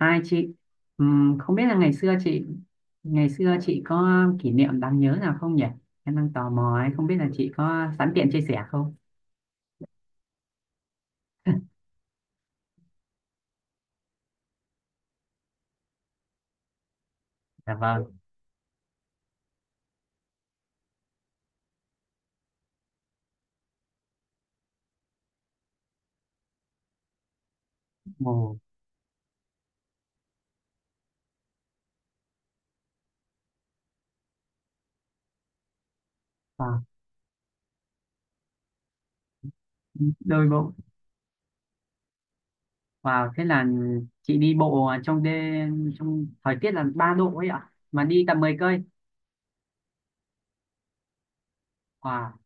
Hai chị, không biết là ngày xưa chị có kỷ niệm đáng nhớ nào không nhỉ? Em đang tò mò ấy, không biết là chị có sẵn tiện chia sẻ không? Dạ vâng. Ồ, wow. Đôi bộ. Wow, thế là chị đi bộ trong đêm trong thời tiết là 3 độ ấy ạ, mà đi tầm 10 cây. Wow.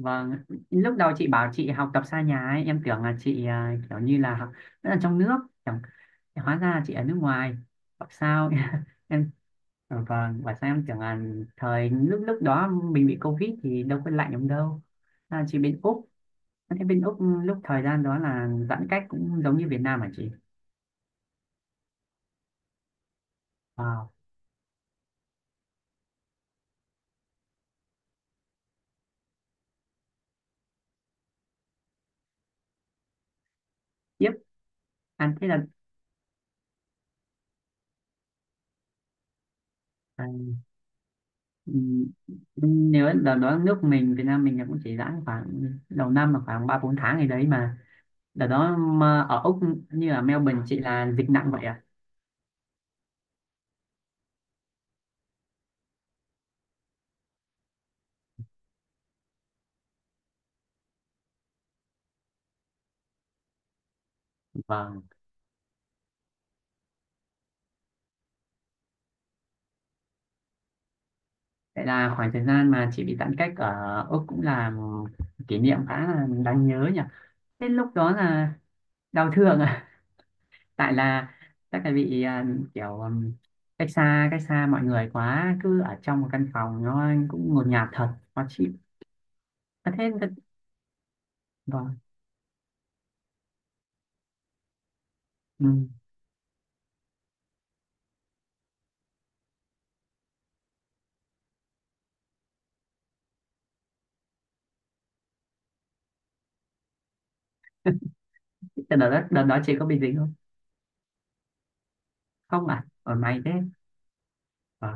Vâng, lúc đầu chị bảo chị học tập xa nhà ấy, em tưởng là chị à, kiểu như là học rất là trong nước, chẳng hóa ra chị ở nước ngoài. Học sao? Em Ờ, Vâng, và sao em tưởng là thời lúc lúc đó mình bị Covid thì đâu có lạnh lắm đâu. À, chỉ bên Úc, thế bên Úc lúc thời gian đó là giãn cách cũng giống như Việt Nam hả chị? Wow, tiếp, à, thế là à, ừm, nếu đợt đó nước mình, Việt Nam mình là cũng chỉ giãn khoảng đầu năm là khoảng ba bốn tháng gì đấy mà. Đợt đó mà ở Úc như ở Melbourne chị là dịch nặng vậy à? Vâng, vậy là khoảng thời gian mà chị bị giãn cách ở Úc cũng là kỷ niệm khá là đáng nhớ nhỉ? Thế lúc đó là đau thương à tại là chắc là bị à, kiểu cách xa mọi người quá cứ ở trong một căn phòng nó cũng ngột ngạt thật khó chịu à, vâng ừ. Thế đợt đó chị có bị dính không không à ở may thế Ờ,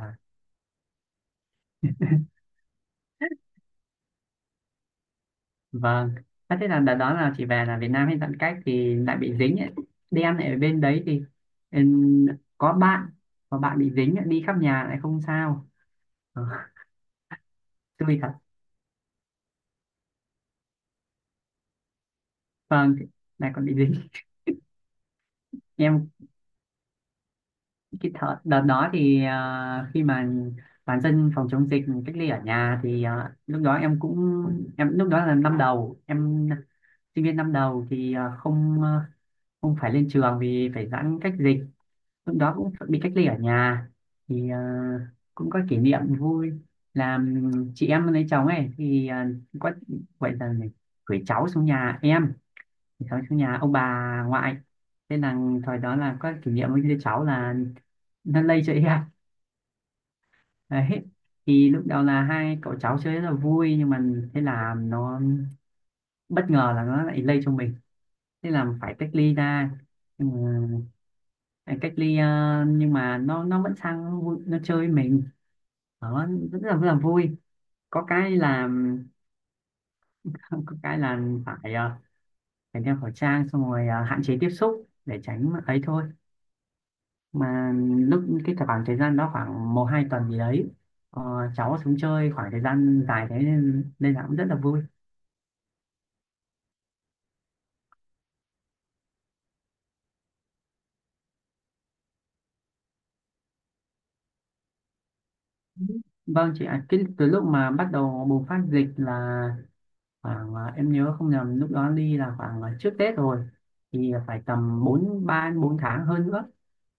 vâng à, thế là đợt đó là chị về là Việt Nam hay tận cách thì lại bị dính ấy. Đi ăn ở bên đấy thì ừm, có bạn có bạn bị dính ấy, đi khắp nhà lại không sao Ờ, xui thật vâng lại còn bị dính em cái thợ, đợt đó thì à, khi mà bản dân phòng chống dịch cách ly ở nhà thì à, lúc đó em cũng em lúc đó là năm đầu em sinh viên năm đầu thì à, không phải lên trường vì phải giãn cách dịch lúc đó cũng bị cách ly ở nhà thì à, cũng có kỷ niệm vui là chị em lấy chồng ấy thì à, có gọi là gì? gửi cháu xuống nhà em gửi cháu xuống nhà ông bà ngoại thế là thời đó là có kỷ niệm với đứa cháu là nó lây cho em Đấy. Thì lúc đầu là hai cậu cháu chơi rất là vui nhưng mà thế là nó bất ngờ là nó lại lây cho mình thế là phải cách ly ra ừ, phải cách ly nhưng mà nó vẫn sang nó vui, nó chơi với mình đó rất là vui có cái là có cái là phải ờ, phải đeo khẩu trang xong rồi hạn chế tiếp xúc để tránh ấy thôi mà lúc cái khoảng thời gian đó khoảng một hai tuần gì đấy ờ, cháu xuống chơi khoảng thời gian dài thế nên nên là cũng rất là vui Vâng chị ạ, cái từ lúc mà bắt đầu bùng phát dịch là khoảng à, em nhớ không nhầm lúc đó đi là khoảng à, trước Tết rồi thì phải tầm 4 3 4 tháng hơn nữa.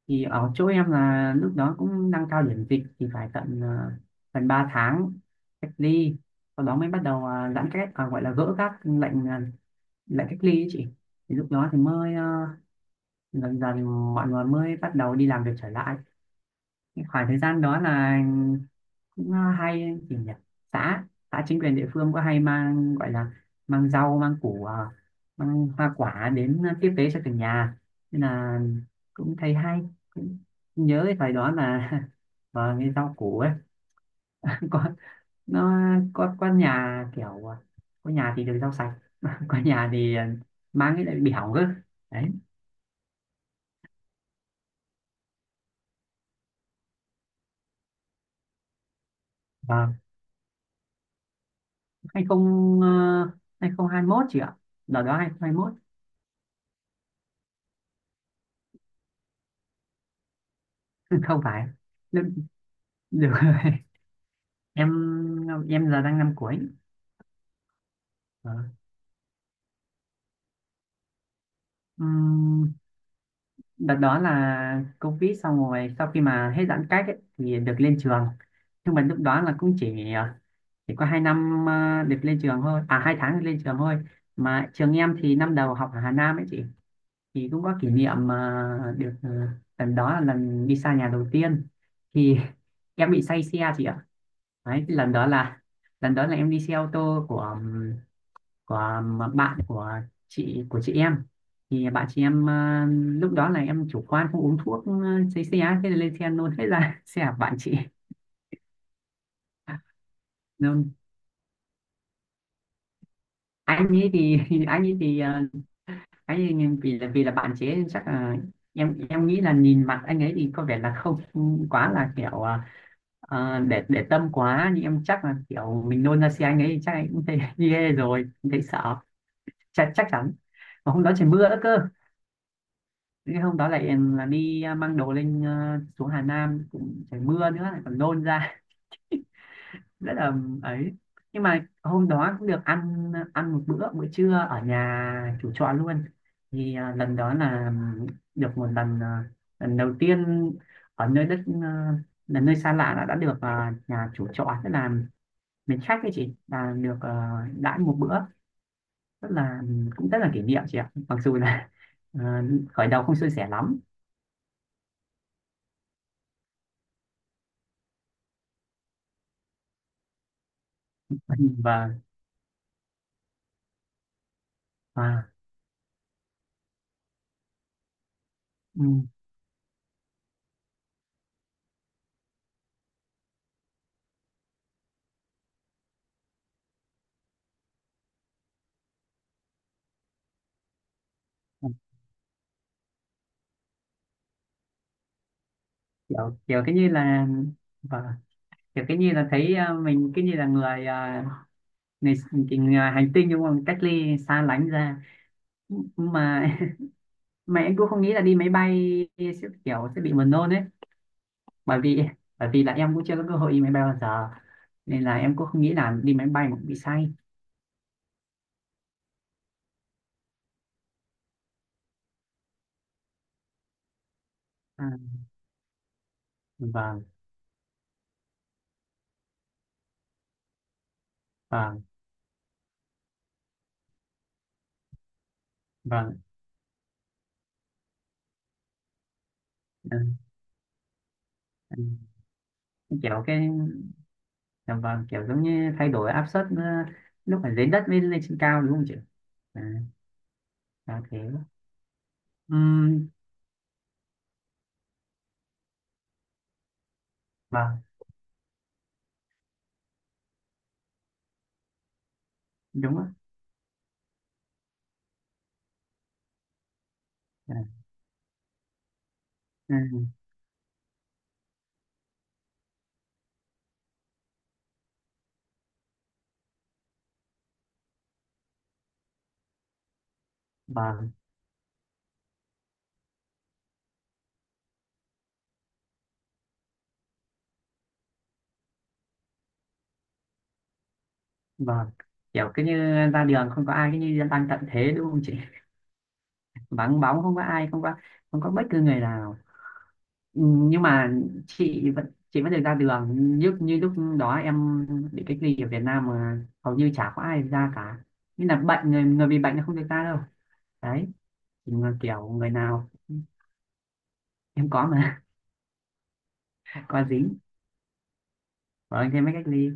Thì ở chỗ em là lúc đó cũng đang cao điểm dịch thì phải tận à, gần 3 tháng cách ly. Sau đó mới bắt đầu à, giãn cách à, gọi là gỡ các lệnh à, lệnh cách ly ấy chị. Thì lúc đó thì mới à, dần dần mọi người mới bắt đầu đi làm việc trở lại khoảng thời gian đó là cũng à, hay gì nhỉ xã xã chính quyền địa phương có hay mang gọi là mang rau mang củ à, mang hoa quả đến tiếp tế cho từng nhà nên là cũng thấy hay cũng nhớ cái thời đó là và cái rau củ ấy có nó có nhà kiểu à, có nhà thì được rau sạch có nhà thì à, mang cái lại bị hỏng cơ đấy và hai không à, 2021 chị ạ đợt đó 2021 không phải được, được em em giờ đang năm cuối Ờ. Ừm, Đợt đó là Covid xong rồi sau khi mà hết giãn cách ấy, thì được lên trường nhưng mà lúc đó là cũng chỉ ờ, chỉ có 2 năm được lên trường thôi à 2 tháng được lên trường thôi mà trường em thì năm đầu học ở Hà Nam ấy chị thì cũng có kỷ niệm mà được ờ, lần đó là lần đi xa nhà đầu tiên thì em bị say xe chị ạ đấy cái lần đó là em đi xe ô tô của à, bạn của chị em thì bạn chị em ờ, lúc đó là em chủ quan không uống thuốc sấy xe á, thế là lên xe nôn hết ra xe của bạn chị nôn anh ấy thì anh ấy thì ờ, vì là bạn chế chắc là em nghĩ là nhìn mặt anh ấy thì có vẻ là không quá là kiểu ờ, để tâm quá nhưng em chắc là kiểu mình nôn ra xe anh ấy thì chắc anh cũng thấy ghê rồi cũng thấy sợ chắc chắc chắn mà hôm đó trời mưa đó cơ Thế hôm đó lại là đi à, mang đồ lên à, xuống Hà Nam cũng trời mưa nữa lại còn nôn ra rất là ấy nhưng mà hôm đó cũng được ăn ăn một bữa bữa trưa ở nhà chủ trọ luôn thì à, lần đó là được một lần à, lần đầu tiên ở nơi đất à, là nơi xa lạ đã được à, nhà chủ trọ tức là mến khách ấy chị là được à, đãi một bữa rất là cũng rất là kỷ niệm chị ạ mặc dù là à, khởi đầu không suôn sẻ lắm và và ừ. Ừ, kiểu kiểu cái như là vâng, kiểu cái như là thấy à, mình cái như là người à, người, cái người hành tinh đúng không cách ly xa lánh ra mà mà em cũng không nghĩ là đi máy bay sẽ kiểu sẽ bị buồn nôn ấy bởi vì bởi vì là em cũng chưa có cơ hội đi máy bay bao giờ nên là em cũng không nghĩ là đi máy bay mà cũng bị say à, vâng vâng vâng ừ, ừ. Kiểu cái dạ vâng kiểu giống như thay đổi áp suất lúc ở dưới đất với lên trên cao đúng không chị à, à thế vâng đúng á Ừ, ừ, vâng vâng kiểu cứ như ra đường không có ai cứ như đang tận thế đúng không chị vắng bóng không có ai không có bất cứ người nào Ừ, nhưng mà chị vẫn được ra đường như như lúc đó em bị cách ly ở Việt Nam mà hầu như chả có ai ra cả như là người người bị bệnh là không được ra đâu đấy Chỉ người kiểu người nào em có mà có dính ở trên mấy cách ly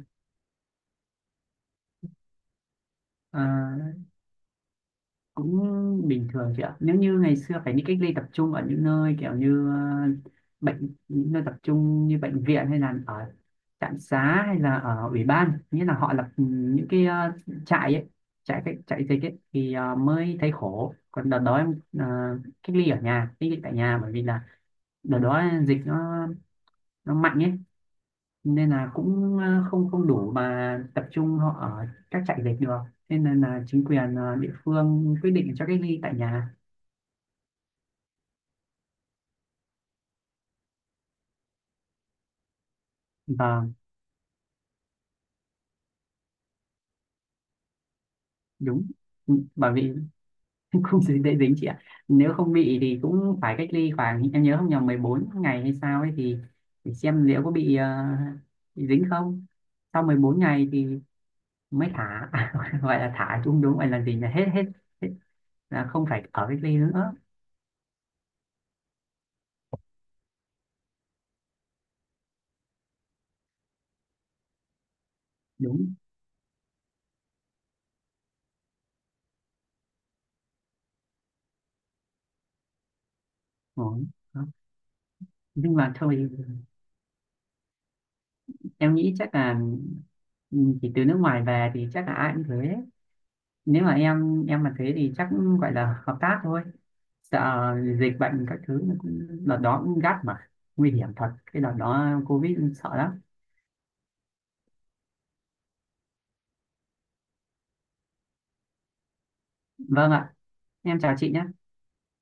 Ờ, cũng bình thường chị ạ nếu như ngày xưa phải đi cách ly tập trung ở những nơi kiểu như những nơi tập trung như bệnh viện hay là ở trạm xá hay là ở ủy ban nghĩa là họ lập ừ, những cái ờ, trại ấy trại dịch ấy thì mới thấy khổ còn đợt đó em ờ, cách ly tại nhà bởi vì là đợt đó dịch nó mạnh ấy nên là cũng ờ, không không đủ mà tập trung họ ở các trại dịch được nên là, chính quyền ờ, địa phương quyết định cho cách ly tại nhà Vâng, đúng. Ừ, Bởi vì không dễ dễ dính chị ạ. Nếu không bị thì cũng phải cách ly khoảng, em nhớ không nhầm 14 ngày hay sao ấy thì để xem liệu có bị, ờ, bị dính không. Sau 14 ngày thì mới thả, gọi là thả chung đúng, gọi là gì là hết, hết là không phải ở cách ly nữa. Đúng, rồi. Đó. Nhưng mà thôi, em nghĩ chắc là ừ, chỉ từ nước ngoài về thì chắc là ai cũng thế. Nếu mà em mà thế thì chắc gọi là hợp tác thôi. Sợ dịch bệnh các thứ nó cũng đợt đó cũng gắt mà nguy hiểm thật cái đợt đó covid sợ lắm vâng ạ em chào chị nhé